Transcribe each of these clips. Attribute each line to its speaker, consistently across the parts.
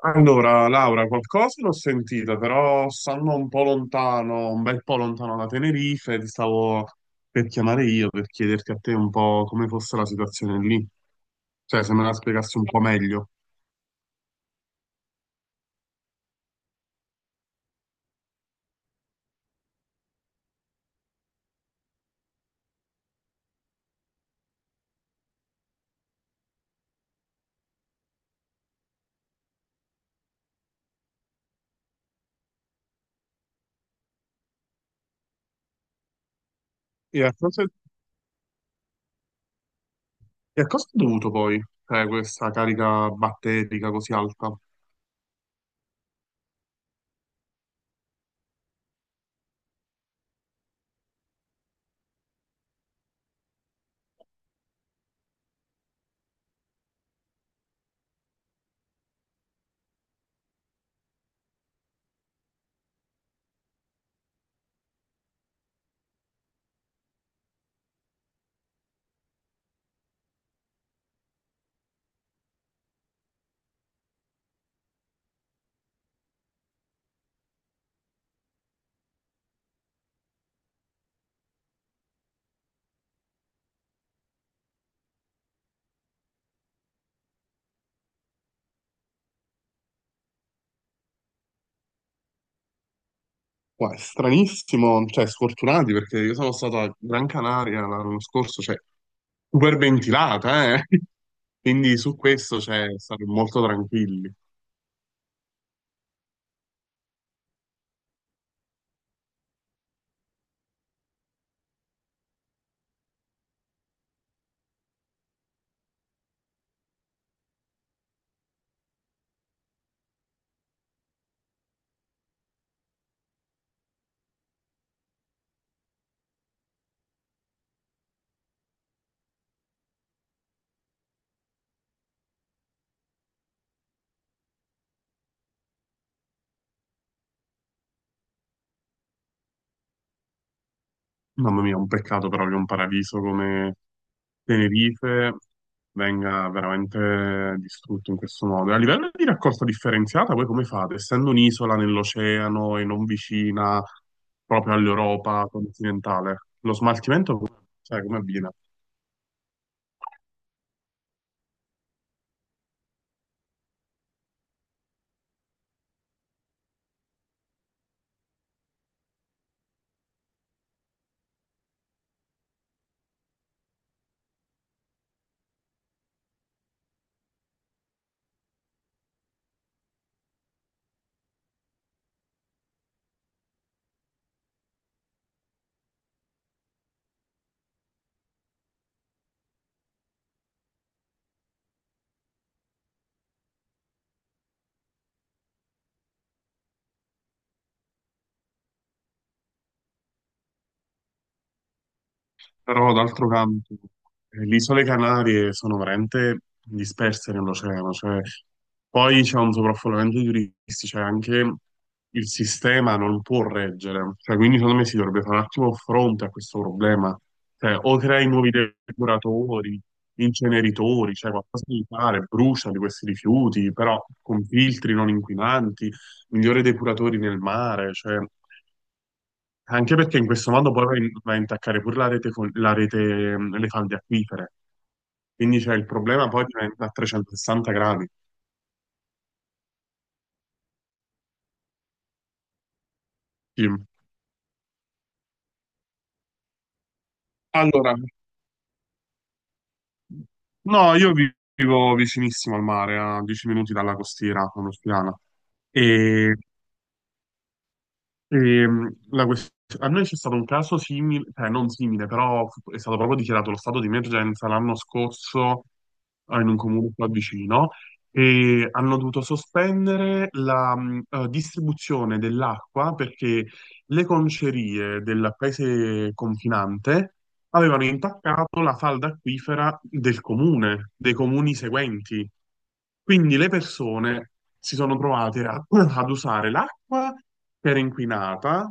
Speaker 1: Allora, Laura, qualcosa l'ho sentita, però stanno un po' lontano, un bel po' lontano da Tenerife, e ti stavo per chiamare io per chiederti a te un po' come fosse la situazione lì, cioè se me la spiegassi un po' meglio. E a cosa è dovuto poi, cioè, questa carica batterica così alta? Qua è stranissimo, cioè sfortunati perché io sono stato a Gran Canaria l'anno scorso, cioè super ventilata, eh? Quindi su questo cioè, stare molto tranquilli. Mamma mia, un peccato però che un paradiso come Tenerife venga veramente distrutto in questo modo. A livello di raccolta differenziata, voi come fate? Essendo un'isola nell'oceano e non vicina proprio all'Europa continentale, lo smaltimento, sai, come avviene? Però d'altro canto, le isole Canarie sono veramente disperse nell'oceano, cioè, poi c'è un sovraffollamento di turisti, cioè anche il sistema non può reggere, cioè, quindi secondo me si dovrebbe fare un attimo fronte a questo problema, cioè, o crei nuovi depuratori, inceneritori, cioè qualcosa di fare, brucia di questi rifiuti, però con filtri non inquinanti, migliori depuratori nel mare, cioè... Anche perché in questo modo poi vai a intaccare pure la rete, la rete, le falde acquifere. Quindi c'è il problema poi diventa a 360 gradi. Sì. Allora, no, vivo vicinissimo al mare, a 10 minuti dalla costiera, a Nostiana. E Ehm, la quest- A noi c'è stato un caso simile, cioè non simile, però è stato proprio dichiarato lo stato di emergenza l'anno scorso in un comune qua vicino e hanno dovuto sospendere la distribuzione dell'acqua perché le concerie del paese confinante avevano intaccato la falda acquifera del comune, dei comuni seguenti. Quindi le persone si sono trovate ad usare l'acqua che era inquinata,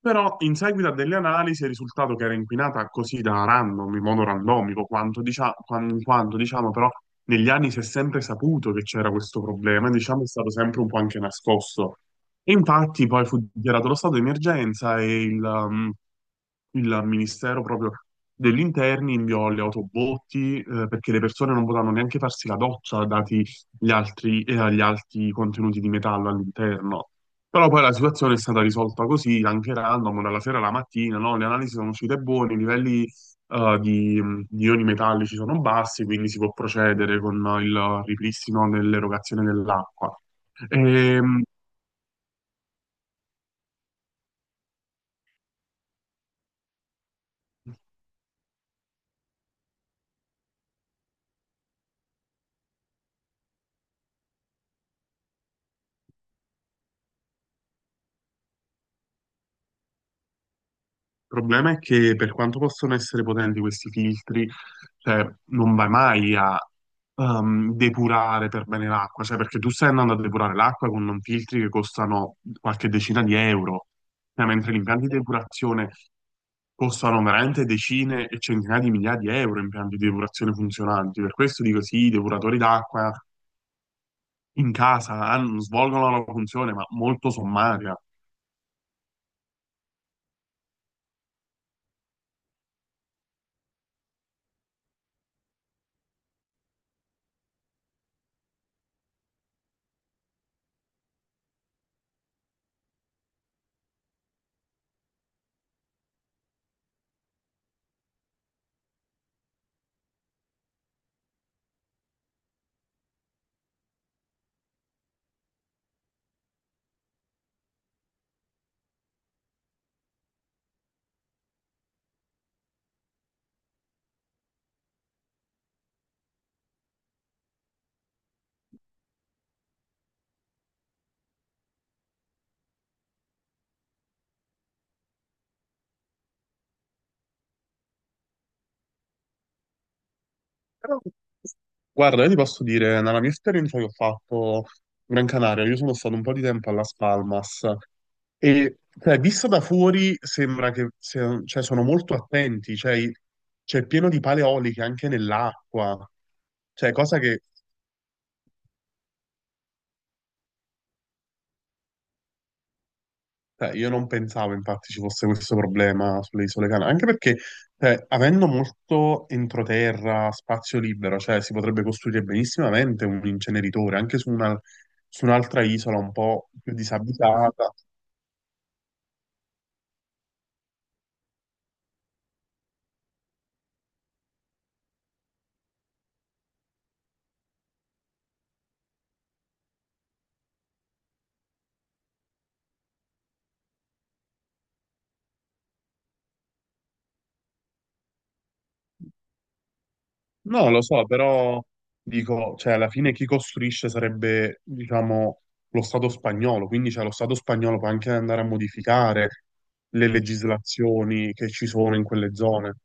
Speaker 1: però in seguito a delle analisi è risultato che era inquinata così da random, in modo randomico, quanto, diciamo, però negli anni si è sempre saputo che c'era questo problema, e, diciamo è stato sempre un po' anche nascosto. E infatti poi fu dichiarato lo stato di emergenza e il Ministero proprio degli Interni inviò le autobotti, perché le persone non potevano neanche farsi la doccia dati gli alti contenuti di metallo all'interno. Però poi la situazione è stata risolta così, anche random, dalla sera alla mattina, no? Le analisi sono uscite buone, i livelli eh, di, di ioni metallici sono bassi, quindi si può procedere con il ripristino dell'erogazione dell'acqua. Ehm, Il problema è che per quanto possono essere potenti questi filtri, cioè, non vai mai a depurare per bene l'acqua, cioè, perché tu stai andando a depurare l'acqua con non filtri che costano qualche decina di euro, cioè, mentre gli impianti di depurazione costano veramente decine e centinaia di migliaia di euro, impianti di depurazione funzionanti. Per questo dico sì, i depuratori d'acqua in casa svolgono la loro funzione, ma molto sommaria. Guarda, io ti posso dire, nella mia esperienza che ho fatto Gran Canaria, io sono stato un po' di tempo a Las Palmas e cioè, vista da fuori sembra che cioè, sono molto attenti, cioè, c'è pieno di paleoliche anche nell'acqua, cioè, cosa che cioè, io non pensavo infatti ci fosse questo problema sulle isole Canarie, anche perché cioè, avendo molto entroterra, spazio libero, cioè si potrebbe costruire benissimamente un inceneritore anche su un'altra isola un po' più disabitata. No, lo so, però dico, cioè, alla fine chi costruisce sarebbe, diciamo, lo Stato spagnolo, quindi cioè, lo Stato spagnolo può anche andare a modificare le legislazioni che ci sono in quelle zone.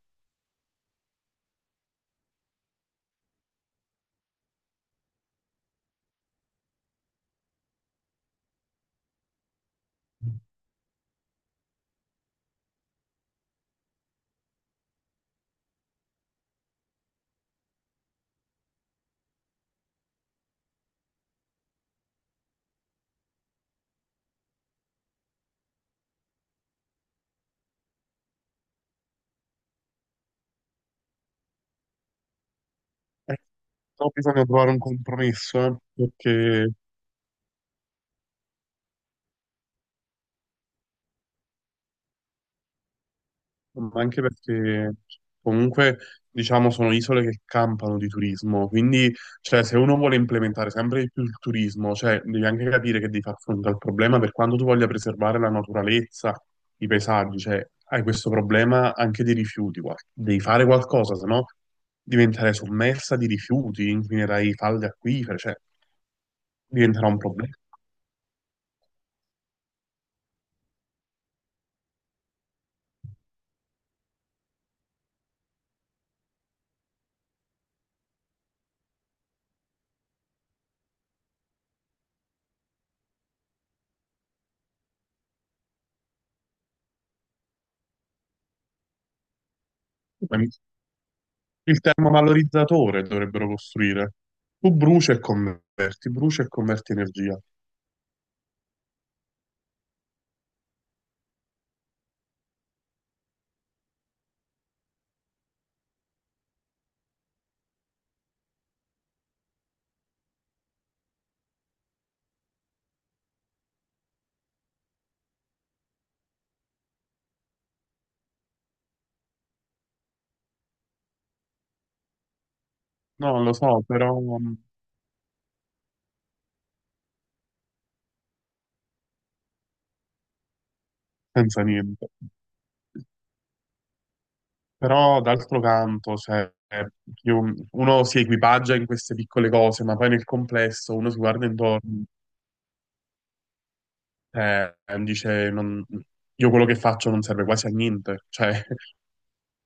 Speaker 1: Eh, Però bisogna trovare un compromesso, perché, ma anche perché comunque diciamo sono isole che campano di turismo, quindi cioè, se uno vuole implementare sempre di più il turismo, cioè, devi anche capire che devi far fronte al problema per quanto tu voglia preservare la naturalezza, i paesaggi, cioè, hai questo problema anche dei rifiuti, guarda. Devi fare qualcosa, se no diventerai sommersa di rifiuti, inquinerai falde acquifere, cioè diventerà un problema. Il termovalorizzatore dovrebbero costruire. Tu bruci e converti energia. No, lo so, però mm, senza niente. Però d'altro canto, cioè, uno si equipaggia in queste piccole cose, ma poi nel complesso uno si guarda intorno, e dice, io quello che faccio non serve quasi a niente. Cioè,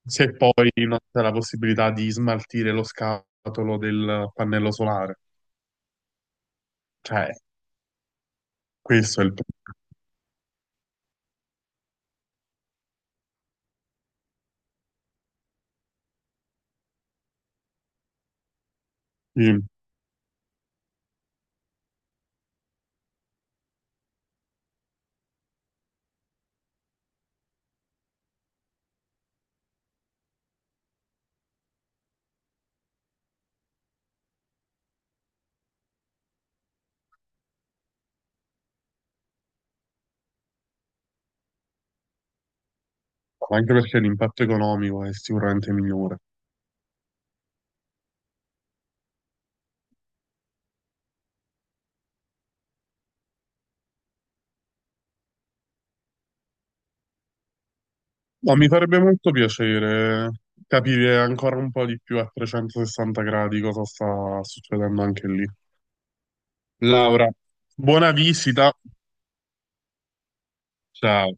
Speaker 1: se poi non c'è la possibilità di smaltire lo scatolo del pannello solare. Cioè, questo è il problema. Ma anche perché l'impatto economico è sicuramente migliore. No, mi farebbe molto piacere capire ancora un po' di più a 360 gradi cosa sta succedendo anche lì. Laura, buona visita. Ciao.